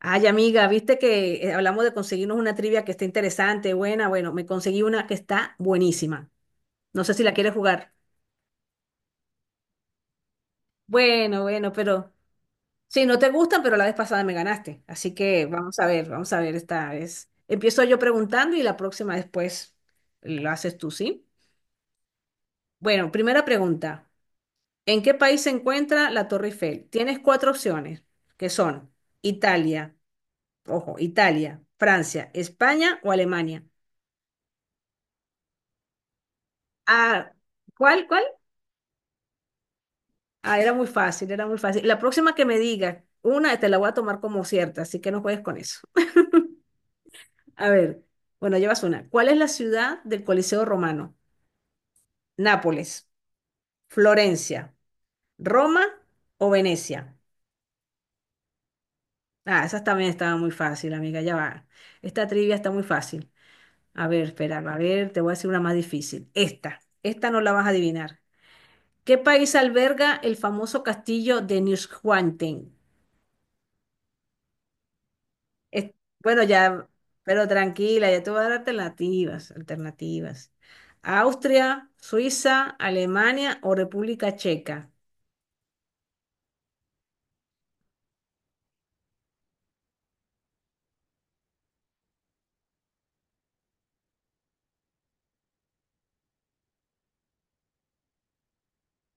Ay, amiga, viste que hablamos de conseguirnos una trivia que está interesante, buena. Bueno, me conseguí una que está buenísima. No sé si la quieres jugar. Bueno, bueno, pero sí, no te gustan, pero la vez pasada me ganaste. Así que vamos a ver esta vez. Empiezo yo preguntando y la próxima después lo haces tú, ¿sí? Bueno, primera pregunta. ¿En qué país se encuentra la Torre Eiffel? Tienes cuatro opciones, que son Italia, ojo, Italia, Francia, España o Alemania. Ah, ¿cuál? Ah, era muy fácil, era muy fácil. La próxima que me diga una, te la voy a tomar como cierta, así que no juegues con eso. A ver, bueno, llevas una. ¿Cuál es la ciudad del Coliseo Romano? Nápoles, Florencia, Roma o Venecia. Ah, esa también estaba muy fácil, amiga, ya va. Esta trivia está muy fácil. A ver, espera, a ver, te voy a decir una más difícil. Esta no la vas a adivinar. ¿Qué país alberga el famoso castillo de Neuschwanstein? Es- bueno, ya, pero tranquila, ya te voy a dar alternativas, alternativas. Austria, Suiza, Alemania o República Checa.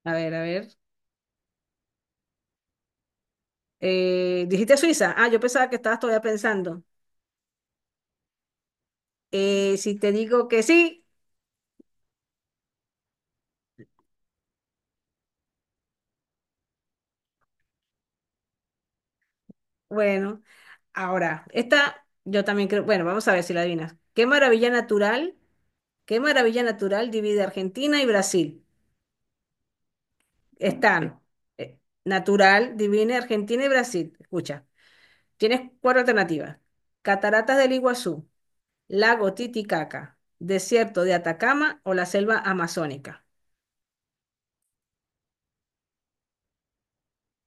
A ver, a ver. ¿Dijiste Suiza? Ah, yo pensaba que estabas todavía pensando. Si te digo que sí, bueno. Ahora, esta yo también creo, bueno, vamos a ver si la adivinas. Qué maravilla natural divide Argentina y Brasil? Están eh, natural, divide Argentina y Brasil. Escucha. Tienes cuatro alternativas. Cataratas del Iguazú, lago Titicaca, desierto de Atacama o la selva amazónica.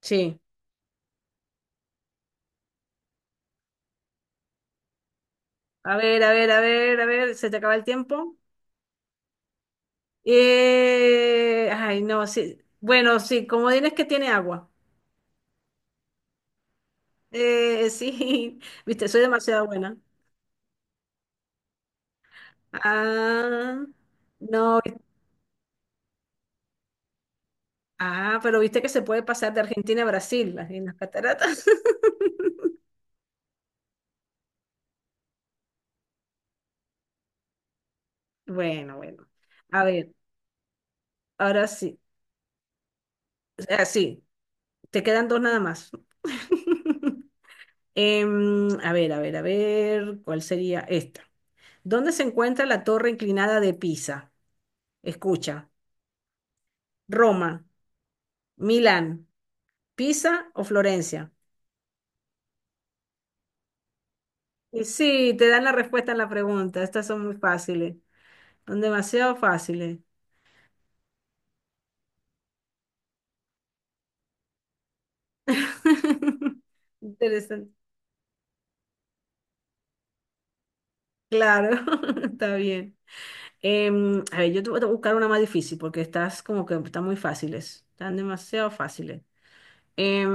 Sí. A ver, a ver, a ver, a ver, se te acaba el tiempo. Ay, no, sí. Bueno, sí, como dices que tiene agua. Sí, viste, soy demasiado buena. Ah, no. Ah, pero viste que se puede pasar de Argentina a Brasil en las cataratas. Bueno, bueno. A ver, ahora sí. Así. Te quedan dos nada más. A ver, a ver, a ver, ¿cuál sería esta? ¿Dónde se encuentra la torre inclinada de Pisa? Escucha, Roma, Milán, Pisa o Florencia. Y sí, te dan la respuesta en la pregunta. Estas son muy fáciles, son demasiado fáciles. Interesante. Claro, está bien. A ver, yo te voy a buscar una más difícil porque estás como que están muy fáciles, están demasiado fáciles. Em,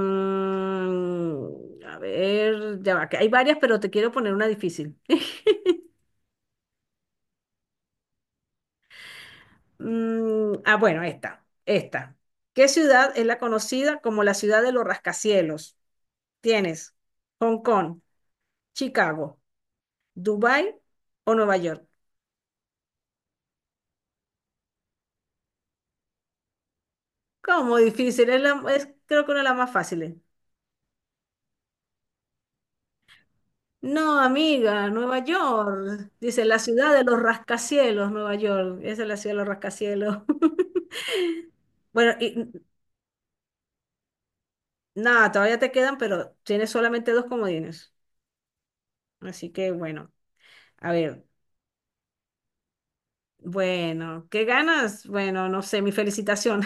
a ver, ya va, que hay varias, pero te quiero poner una difícil. Mm, ah, bueno, esta, esta. ¿Qué ciudad es la conocida como la ciudad de los rascacielos? Tienes Hong Kong, Chicago, Dubai o Nueva York. ¿Cómo difícil? Es la, es creo que una de las más fáciles. No, amiga, Nueva York. Dice la ciudad de los rascacielos, Nueva York. Esa es la ciudad de los rascacielos. Bueno, y nada, todavía te quedan, pero tienes solamente dos comodines. Así que bueno, a ver, bueno, ¿qué ganas? Bueno, no sé, mi felicitación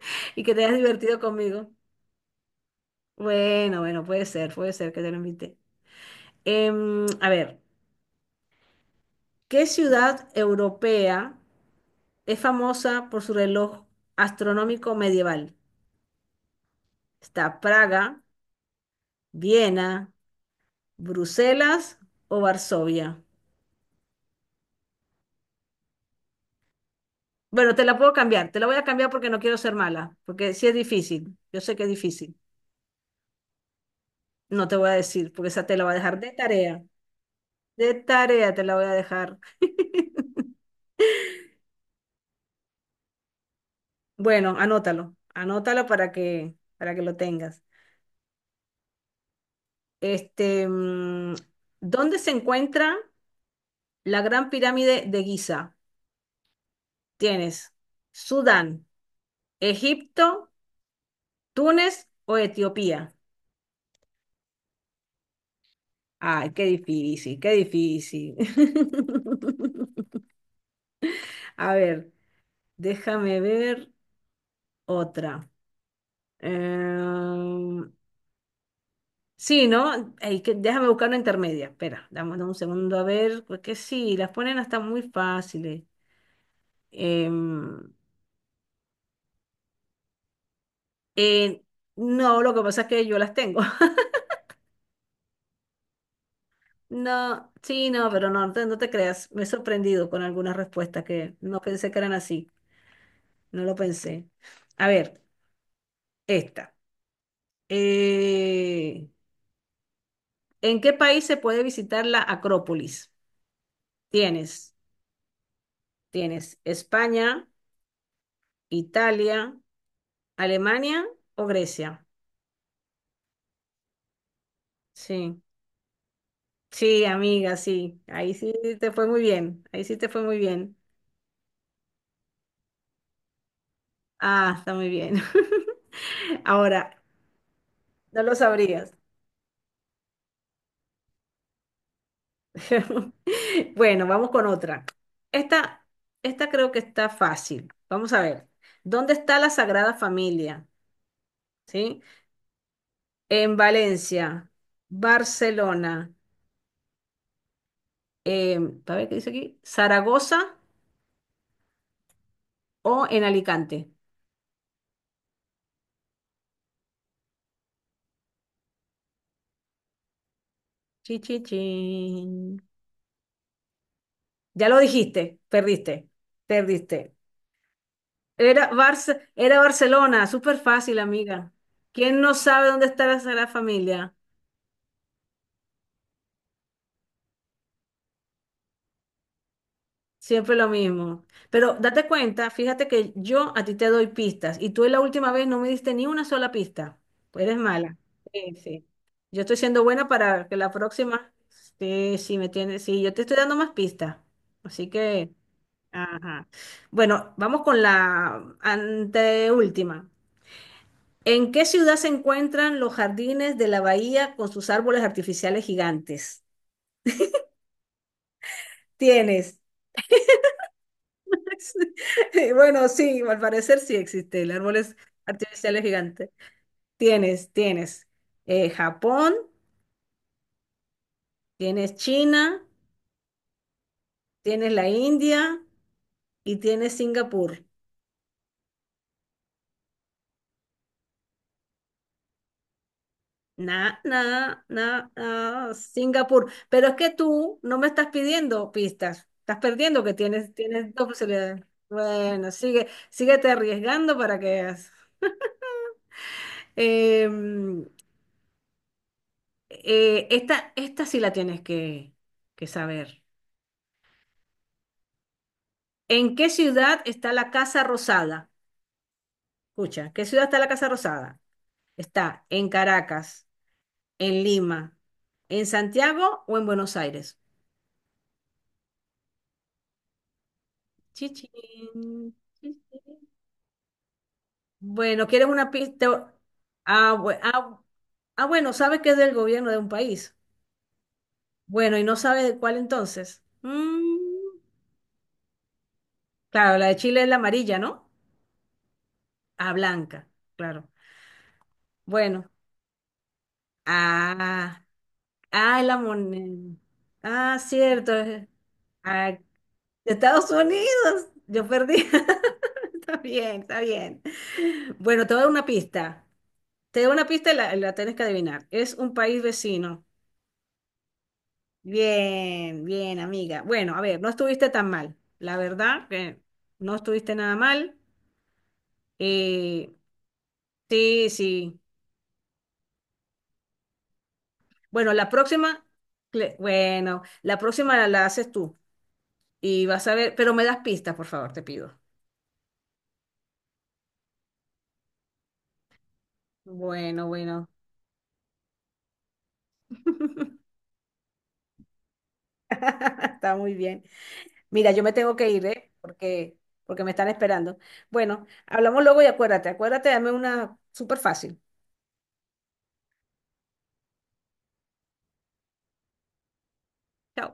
y que te hayas divertido conmigo. Bueno, bueno, puede ser que te lo invite. A ver, ¿qué ciudad europea es famosa por su reloj astronómico medieval? ¿Está Praga, Viena, Bruselas o Varsovia? Bueno, te la puedo cambiar, te la voy a cambiar porque no quiero ser mala, porque sí es difícil, yo sé que es difícil. No te voy a decir, porque esa te la voy a dejar de tarea te la voy a dejar. Bueno, anótalo, anótalo para que lo tengas. Este, mm, ¿dónde se encuentra la Gran Pirámide de Giza? Tienes Sudán, Egipto, Túnez o Etiopía. Ay, qué difícil, qué difícil. A ver. Déjame ver otra. Em, sí, ¿no? Ey, que- déjame buscar una intermedia. Espera, dame, un segundo a ver, porque sí, las ponen hasta muy fáciles. Em, eh, no, lo que pasa es que yo las tengo. No, sí, no, pero no, no te, no te creas. Me he sorprendido con algunas respuestas que no pensé que eran así. No lo pensé. A ver, esta. Eh, ¿En qué país se puede visitar la Acrópolis? Tienes. Tienes España, Italia, Alemania o Grecia. Sí, sí, amiga, sí. Ahí sí te fue muy bien. Ahí sí te fue muy bien. Ah, está muy bien. Ahora, no lo sabrías. Bueno, vamos con otra. Esta, esta creo que está fácil. Vamos a ver. ¿Dónde está la Sagrada Familia? ¿Sí? En Valencia, Barcelona, a ver qué dice aquí, Zaragoza o en Alicante. Chi, chi, chin. Ya lo dijiste, perdiste, perdiste. Era Barce- era Barcelona, súper fácil, amiga. ¿Quién no sabe dónde está la Sagrada Familia? Siempre lo mismo. Pero date cuenta, fíjate que yo a ti te doy pistas y tú la última vez no me diste ni una sola pista. Pues eres mala. Sí, sí. Yo estoy siendo buena para que la próxima, sí, sí me tienes, sí, yo te estoy dando más pistas. Así que ajá. Bueno, vamos con la anteúltima. ¿En qué ciudad se encuentran los jardines de la bahía con sus árboles artificiales gigantes? Tienes. Bueno, sí, al parecer sí existe el árboles artificiales gigantes. Tienes, tienes Japón, tienes China, tienes la India y tienes Singapur. Na, na, na, na, Singapur. Pero es que tú no me estás pidiendo pistas. Estás perdiendo que tienes, tienes dos posibilidades. Bueno, sigue, síguete arriesgando para que veas. Em, esta, esta sí la tienes que saber. ¿En qué ciudad está la Casa Rosada? Escucha, ¿qué ciudad está la Casa Rosada? ¿Está en Caracas, en Lima, en Santiago o en Buenos Aires? Chichín, chichín. Bueno, ¿quieres una pista? Ah, bue- ah, ah, bueno, sabe que es del gobierno de un país. Bueno, ¿y no sabe de cuál entonces? Mm, claro, la de Chile es la amarilla, ¿no? Ah, blanca, claro. Bueno, ah, ah, es la moneda. Ah, cierto. Ah, de Estados Unidos. Yo perdí. Está bien, está bien. Bueno, te voy a dar una pista. Te doy una pista y la tienes que adivinar. Es un país vecino. Bien, bien, amiga. Bueno, a ver, no estuviste tan mal. La verdad que no estuviste nada mal. Eh, sí, sí. Bueno, la próxima, cle- bueno, la próxima la, la haces tú y vas a ver, pero me das pistas, por favor, te pido. Bueno, bueno. Está muy bien. Mira, yo me tengo que ir, ¿eh? Porque, porque me están esperando. Bueno, hablamos luego y acuérdate, acuérdate, dame una súper fácil. Chao.